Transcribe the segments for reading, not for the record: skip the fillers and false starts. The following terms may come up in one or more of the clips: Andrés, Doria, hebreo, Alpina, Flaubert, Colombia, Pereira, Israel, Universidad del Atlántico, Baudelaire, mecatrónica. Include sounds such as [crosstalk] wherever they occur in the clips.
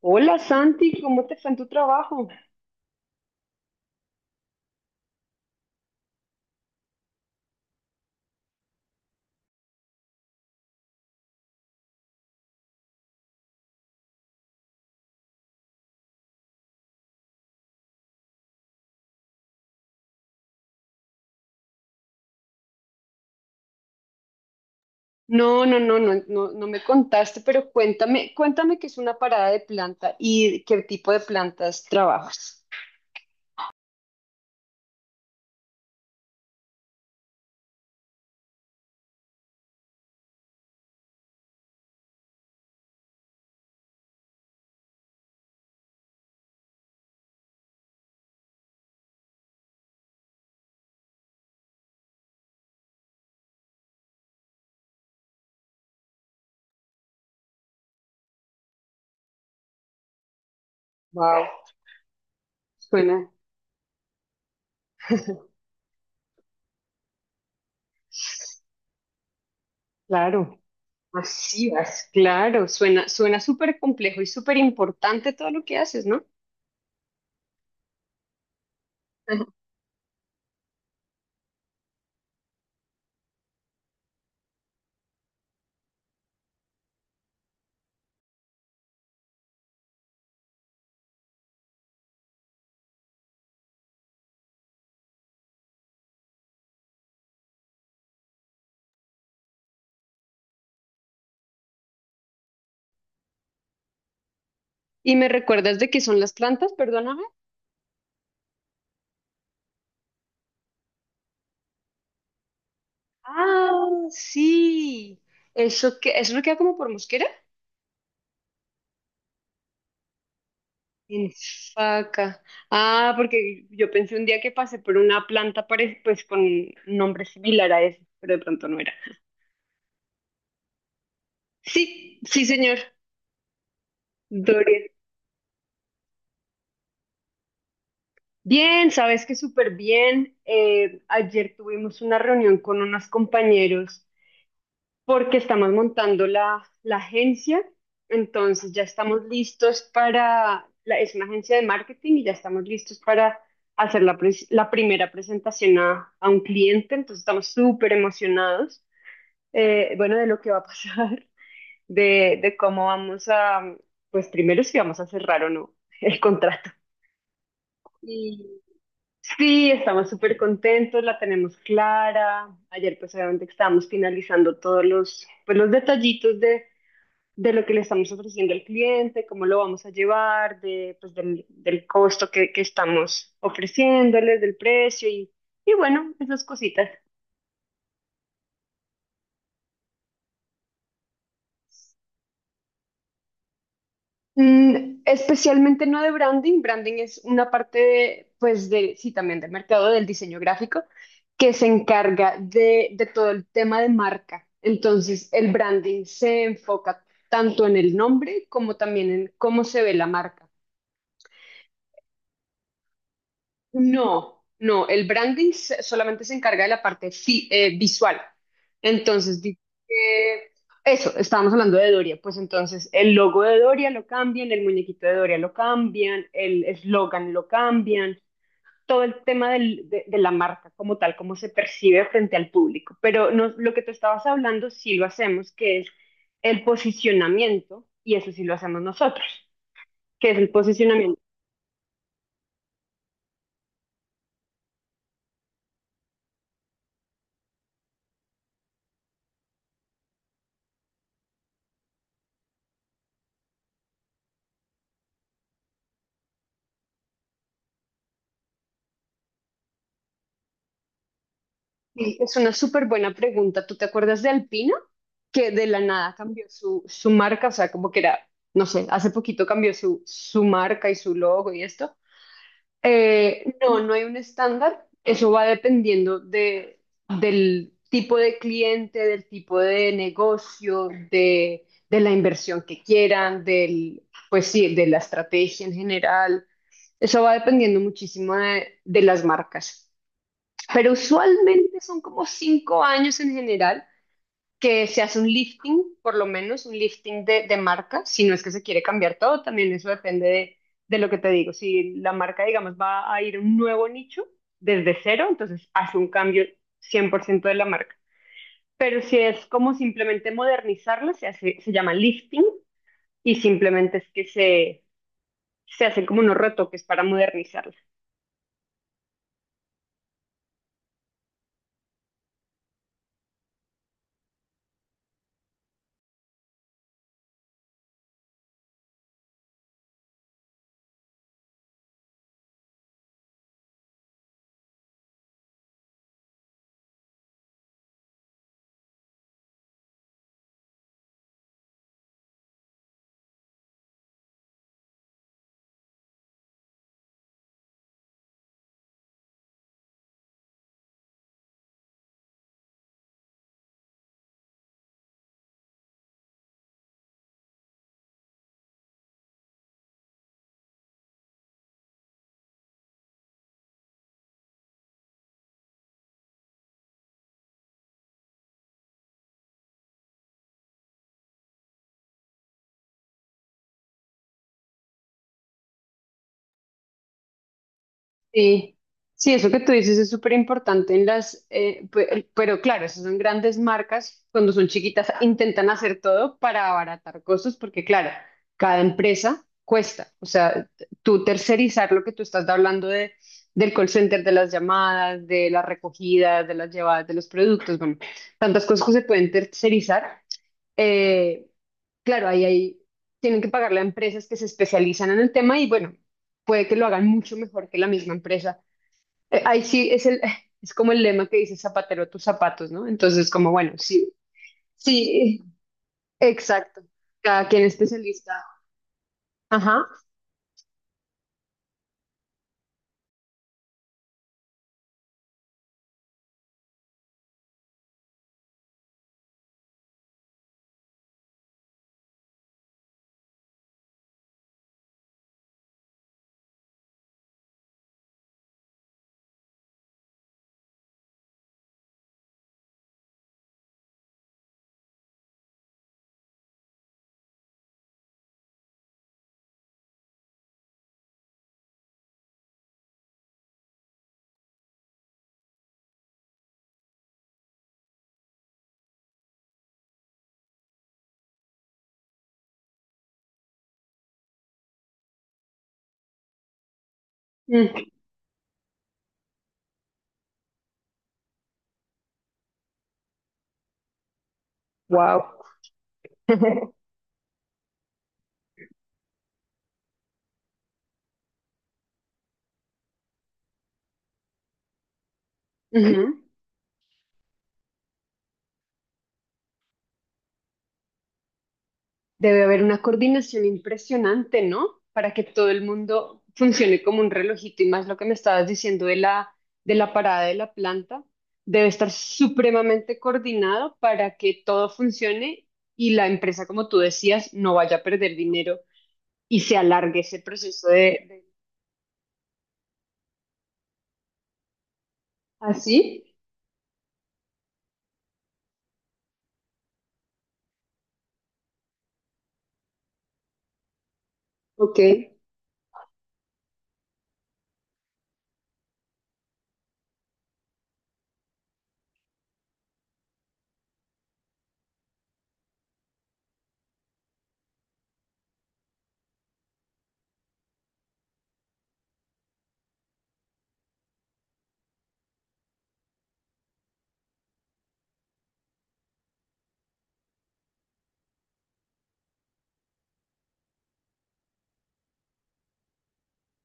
Hola Santi, ¿cómo te fue en tu trabajo? No, no, no, no, no, no me contaste, pero cuéntame, cuéntame qué es una parada de planta y qué tipo de plantas trabajas. Wow, suena, [laughs] claro, masivas, claro, suena súper complejo y súper importante todo lo que haces, ¿no? Ajá. ¿Y me recuerdas de qué son las plantas? Perdóname. Ah, sí. ¿Eso no queda como por Mosquera? En Faca. Ah, porque yo pensé un día que pasé por una planta pues con un nombre similar a ese, pero de pronto no era. Sí, sí, señor. Dorian. Bien, sabes que súper bien. Ayer tuvimos una reunión con unos compañeros porque estamos montando la agencia, entonces ya estamos listos es una agencia de marketing y ya estamos listos para hacer la primera presentación a un cliente. Entonces, estamos súper emocionados, bueno, de lo que va a pasar, [laughs] de cómo vamos a, pues primero si vamos a cerrar o no el contrato. Y sí, estamos súper contentos, la tenemos clara. Ayer pues obviamente estábamos finalizando todos los, pues, los detallitos de lo que le estamos ofreciendo al cliente, cómo lo vamos a llevar, de, pues del costo que estamos ofreciéndoles, del precio y bueno, esas cositas. Mm, especialmente no de branding, branding es una parte de, pues de, sí, también del mercado del diseño gráfico que se encarga de todo el tema de marca. Entonces, el branding se enfoca tanto en el nombre como también en cómo se ve la marca. No, no, el branding solamente se encarga de la parte visual. Entonces, eh, eso, estábamos hablando de Doria, pues entonces el logo de Doria lo cambian, el muñequito de Doria lo cambian, el eslogan lo cambian, todo el tema de la marca como tal, cómo se percibe frente al público. Pero no, lo que tú estabas hablando sí lo hacemos, que es el posicionamiento, y eso sí lo hacemos nosotros, que es el posicionamiento. Sí, es una súper buena pregunta. ¿Tú te acuerdas de Alpina? Que de la nada cambió su marca, o sea, como que era, no sé, hace poquito cambió su marca y su logo y esto. No, no hay un estándar. Eso va dependiendo de, del tipo de cliente, del tipo de negocio, de la inversión que quieran, del, pues sí, de la estrategia en general. Eso va dependiendo muchísimo de las marcas. Pero usualmente son como 5 años en general que se hace un lifting, por lo menos un lifting de marca, si no es que se quiere cambiar todo, también eso depende de lo que te digo. Si la marca, digamos, va a ir a un nuevo nicho desde cero, entonces hace un cambio 100% de la marca. Pero si es como simplemente modernizarla, se hace, se llama lifting y simplemente es que se hacen como unos retoques para modernizarla. Sí, sí, eso que tú dices es súper importante en las, pero, claro, esas son grandes marcas. Cuando son chiquitas intentan hacer todo para abaratar costos, porque claro, cada empresa cuesta, o sea, tú tercerizar lo que tú estás hablando de, del call center, de las llamadas, de las recogidas, de las llevadas de los productos, bueno, tantas cosas que se pueden tercerizar, eh, claro, ahí hay, tienen que pagarle a empresas que se especializan en el tema y bueno, puede que lo hagan mucho mejor que la misma empresa. Ahí sí es el, [laughs] es como el lema que dice zapatero a tus zapatos, ¿no? Entonces, como bueno, sí, sí, exacto. Cada quien es especialista. Ajá. Wow. [laughs] Debe haber una coordinación impresionante, ¿no? Para que todo el mundo funcione como un relojito, y más lo que me estabas diciendo de la, parada de la planta, debe estar supremamente coordinado para que todo funcione y la empresa, como tú decías, no vaya a perder dinero y se alargue ese proceso de, de- así, ok.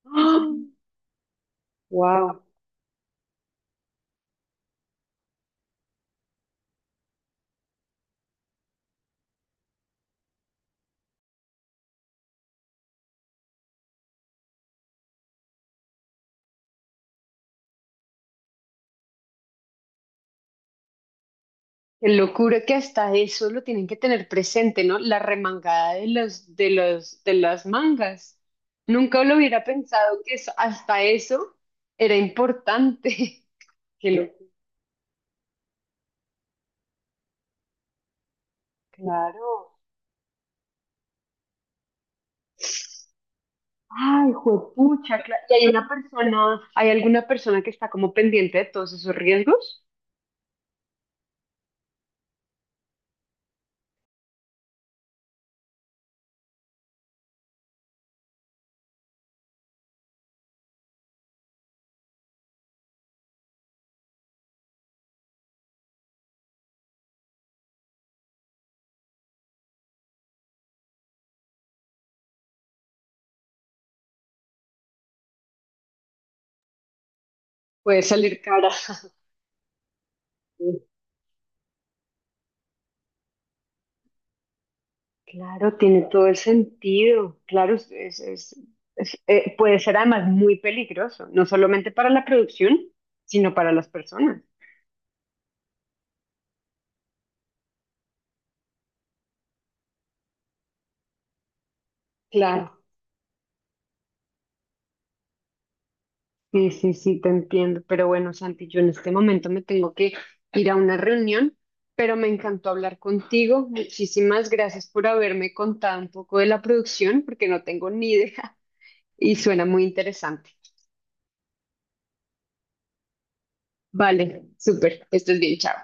[gasps] Wow, qué locura que hasta eso lo tienen que tener presente, ¿no? La remangada de las mangas. Nunca lo hubiera pensado que hasta eso era importante. [laughs] Qué locura. Claro. Ay, juepucha, claro. ¿Y hay alguna persona que está como pendiente de todos esos riesgos? Puede salir cara. [laughs] Claro, tiene todo el sentido. Claro, puede ser además muy peligroso, no solamente para la producción, sino para las personas. Claro. Sí, sí, sí, te entiendo. Pero bueno, Santi, yo en este momento me tengo que ir a una reunión, pero me encantó hablar contigo. Muchísimas gracias por haberme contado un poco de la producción, porque no tengo ni idea [laughs] y suena muy interesante. Vale, súper, esto es bien, chao.